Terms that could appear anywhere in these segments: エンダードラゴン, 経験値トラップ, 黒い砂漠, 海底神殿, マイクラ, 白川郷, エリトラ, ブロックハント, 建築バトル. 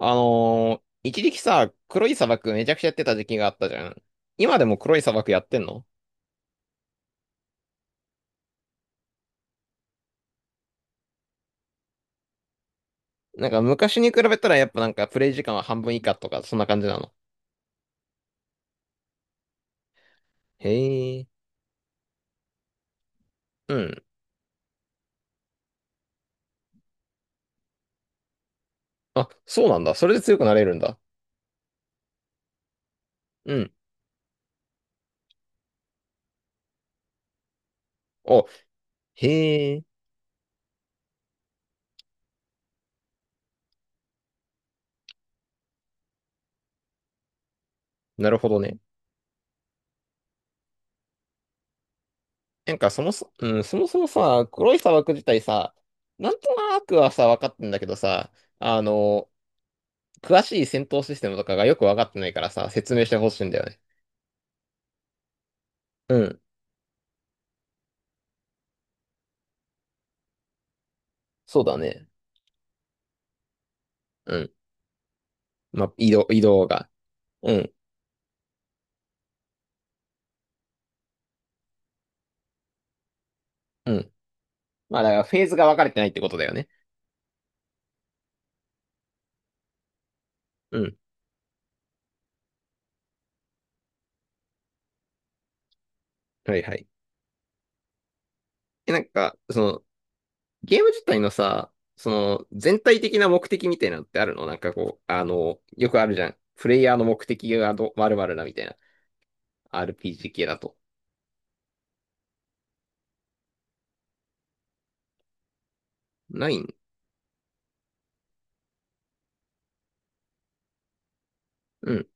一時期さ、黒い砂漠めちゃくちゃやってた時期があったじゃん。今でも黒い砂漠やってんの？なんか昔に比べたらやっぱなんかプレイ時間は半分以下とか、そんな感じなの。へえ。うん。あ、そうなんだ。それで強くなれるんだ。うん。お、へえ。なるほどね。なんかそもそ、うん、そもそもさ、黒い砂漠自体さ、なんとなくはさ、分かってんだけどさ、あのー詳しい戦闘システムとかがよく分かってないからさ、説明してほしいんだよね。うん。そうだね。うんまあ、移動が。うん、うん。まあ、だからフェーズが分かれてないってことだよね。うん。はいはい。え、なんか、その、ゲーム自体のさ、その、全体的な目的みたいなのってあるの？なんかこう、あの、よくあるじゃん。プレイヤーの目的がど、まるだみたいな。RPG 系だと。ないんうん。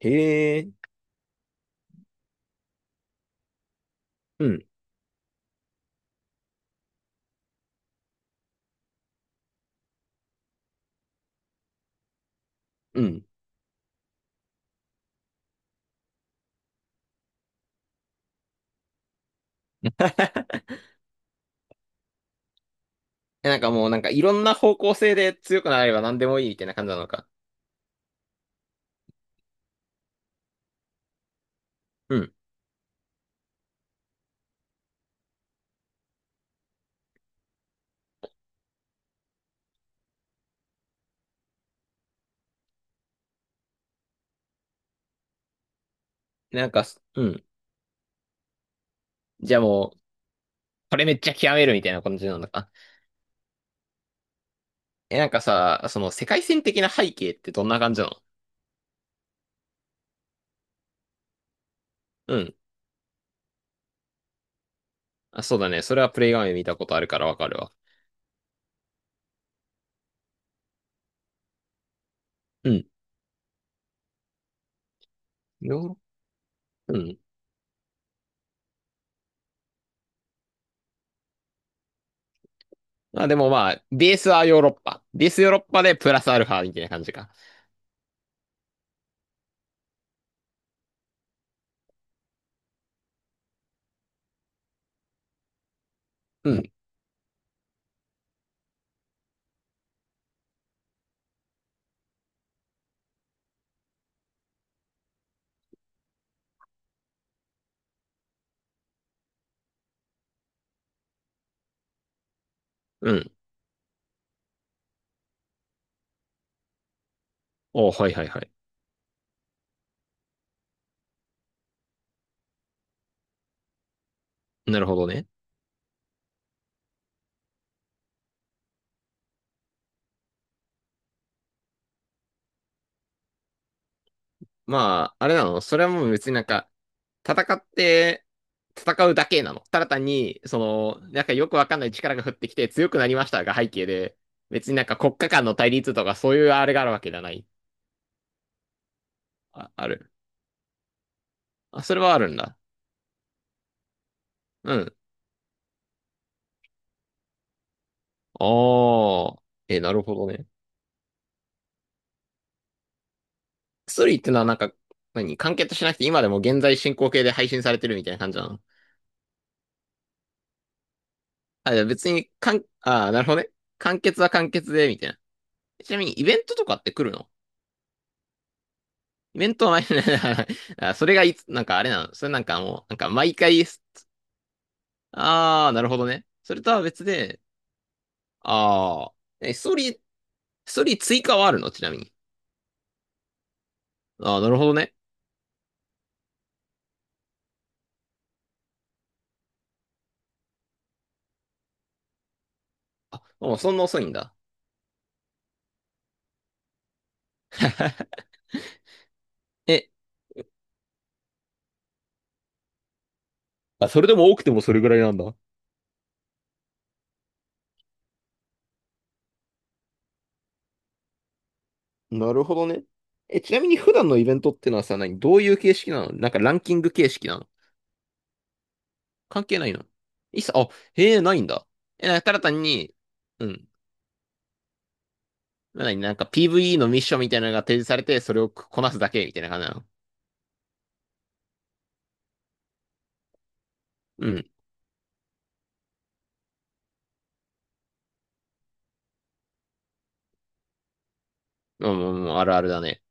へえ。うん。うん。え、なんかもう、なんかいろんな方向性で強くなれば何でもいいみたいな感じなのか。うん。なんか、うん。じゃあもう、これめっちゃ極めるみたいな感じなのか。え、なんかさ、その世界線的な背景ってどんな感じなの？うん。あ、そうだね。それはプレイ画面見たことあるからわかるわ。うん。ヨーロッうん。まあでもまあ、ベースはヨーロッパ。ベースヨーロッパでプラスアルファみたいな感じか。うん。うん。お、はいはいはい。なるほどね。まあ、あれなのそれはもう別になんか、戦って、戦うだけなの。ただ単に、その、なんかよくわかんない力が降ってきて強くなりましたが背景で、別になんか国家間の対立とかそういうあれがあるわけじゃない。あ、ある。あ、それはあるんだ。うん。ああ。え、なるほどね。薬ってのはなんか、何完結しなくて今でも現在進行形で配信されてるみたいな感じなの？あ、じゃあ別に、ああ、なるほどね。完結は完結で、みたいな。ちなみにイベントとかって来るの？イベントは毎回 あそれがいつ、なんかあれなのそれなんかもう、なんか毎回、ああ、なるほどね。それとは別で、ああ、え、ストーリー追加はあるのちなみに。ああ、なるほどね。あ、もうそんな遅いんだ。え、あ、それでも多くてもそれぐらいなんだ。なるほどね。え、ちなみに普段のイベントってのはさ、何どういう形式なの？なんかランキング形式なの？関係ないの？いっさ、あ、へえ、ないんだ。え、なんかただ単に、うん。何なんか PVE のミッションみたいなのが提示されて、それをこなすだけみたいな感じなの？うん。うん、うんうん、あるあるだね。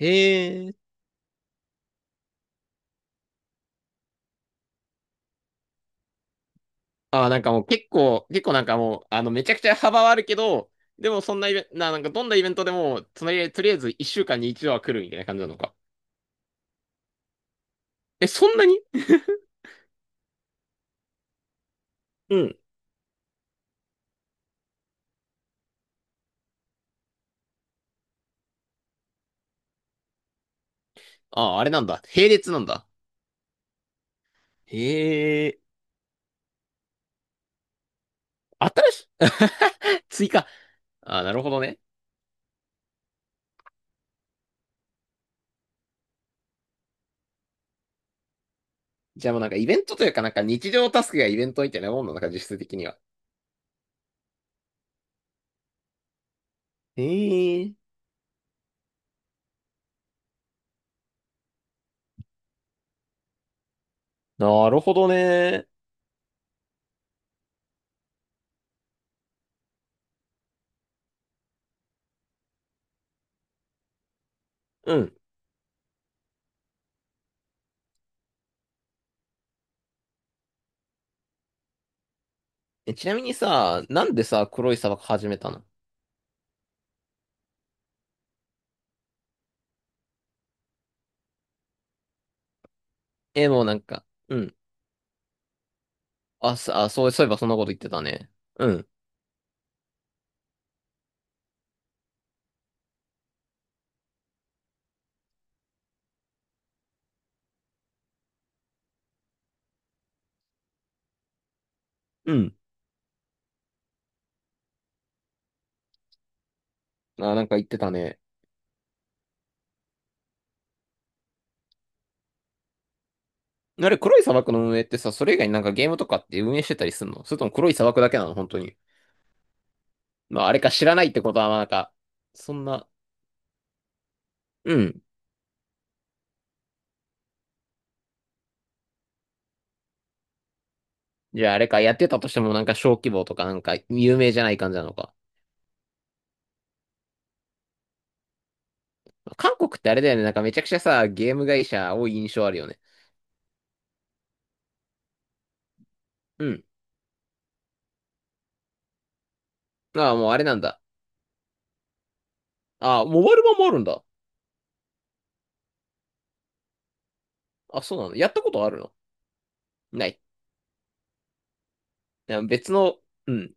へえ。あ、なんかもう結構なんかもう、あの、めちゃくちゃ幅はあるけど、でもそんなイベント、なんかどんなイベントでも、つまり、とりあえず1週間に一度は来るみたいな感じなのか。え、そんなに？うん。あ、あれなんだ。並列なんだ。へえ、新しい 追加。あー、なるほどね。じゃあもうなんかイベントというかなんか日常タスクがイベントみたいなもんなのか、実質的には。へえ、なるほどね。うん。え、ちなみにさ、なんでさ、黒い砂漠始めたの？え、もうなんか、うん。あ、さ、あ、そう、そういえばそんなこと言ってたね。うん。うん。あ、なんか言ってたね。あれ、黒い砂漠の運営ってさ、それ以外になんかゲームとかって運営してたりするの？それとも黒い砂漠だけなの本当に。まあ、あれか知らないってことは、まあなんか、そんな、うん。じゃああれか、やってたとしてもなんか小規模とかなんか有名じゃない感じなのか。韓国ってあれだよね、なんかめちゃくちゃさ、ゲーム会社多い印象あるよね。うん。ああ、もうあれなんだ。ああ、モバイル版もあるんだ。あ、そうなの？やったことあるの？ない。いや別の、うん、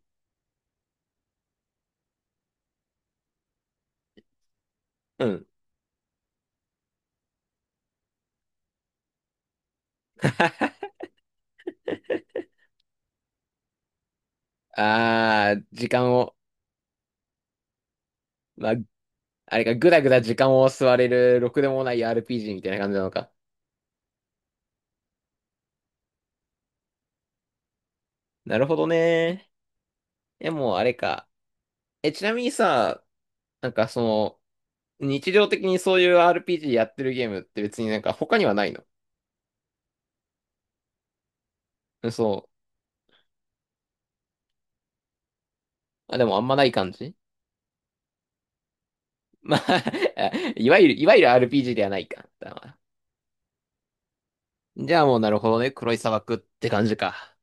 うん。ああ、時間を、まあ、あれか、ぐだぐだ時間を吸われる、ろくでもない RPG みたいな感じなのか。なるほどね。え、もうあれか。え、ちなみにさ、なんかその、日常的にそういう RPG やってるゲームって別になんか他にはないの？そう。あ、でもあんまない感じ？まあ いわゆる RPG ではないか。だからじゃあもうなるほどね。黒い砂漠って感じか。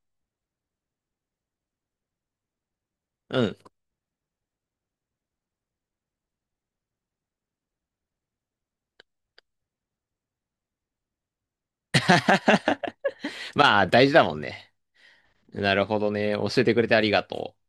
うん。まあ大事だもんね。なるほどね。教えてくれてありがとう。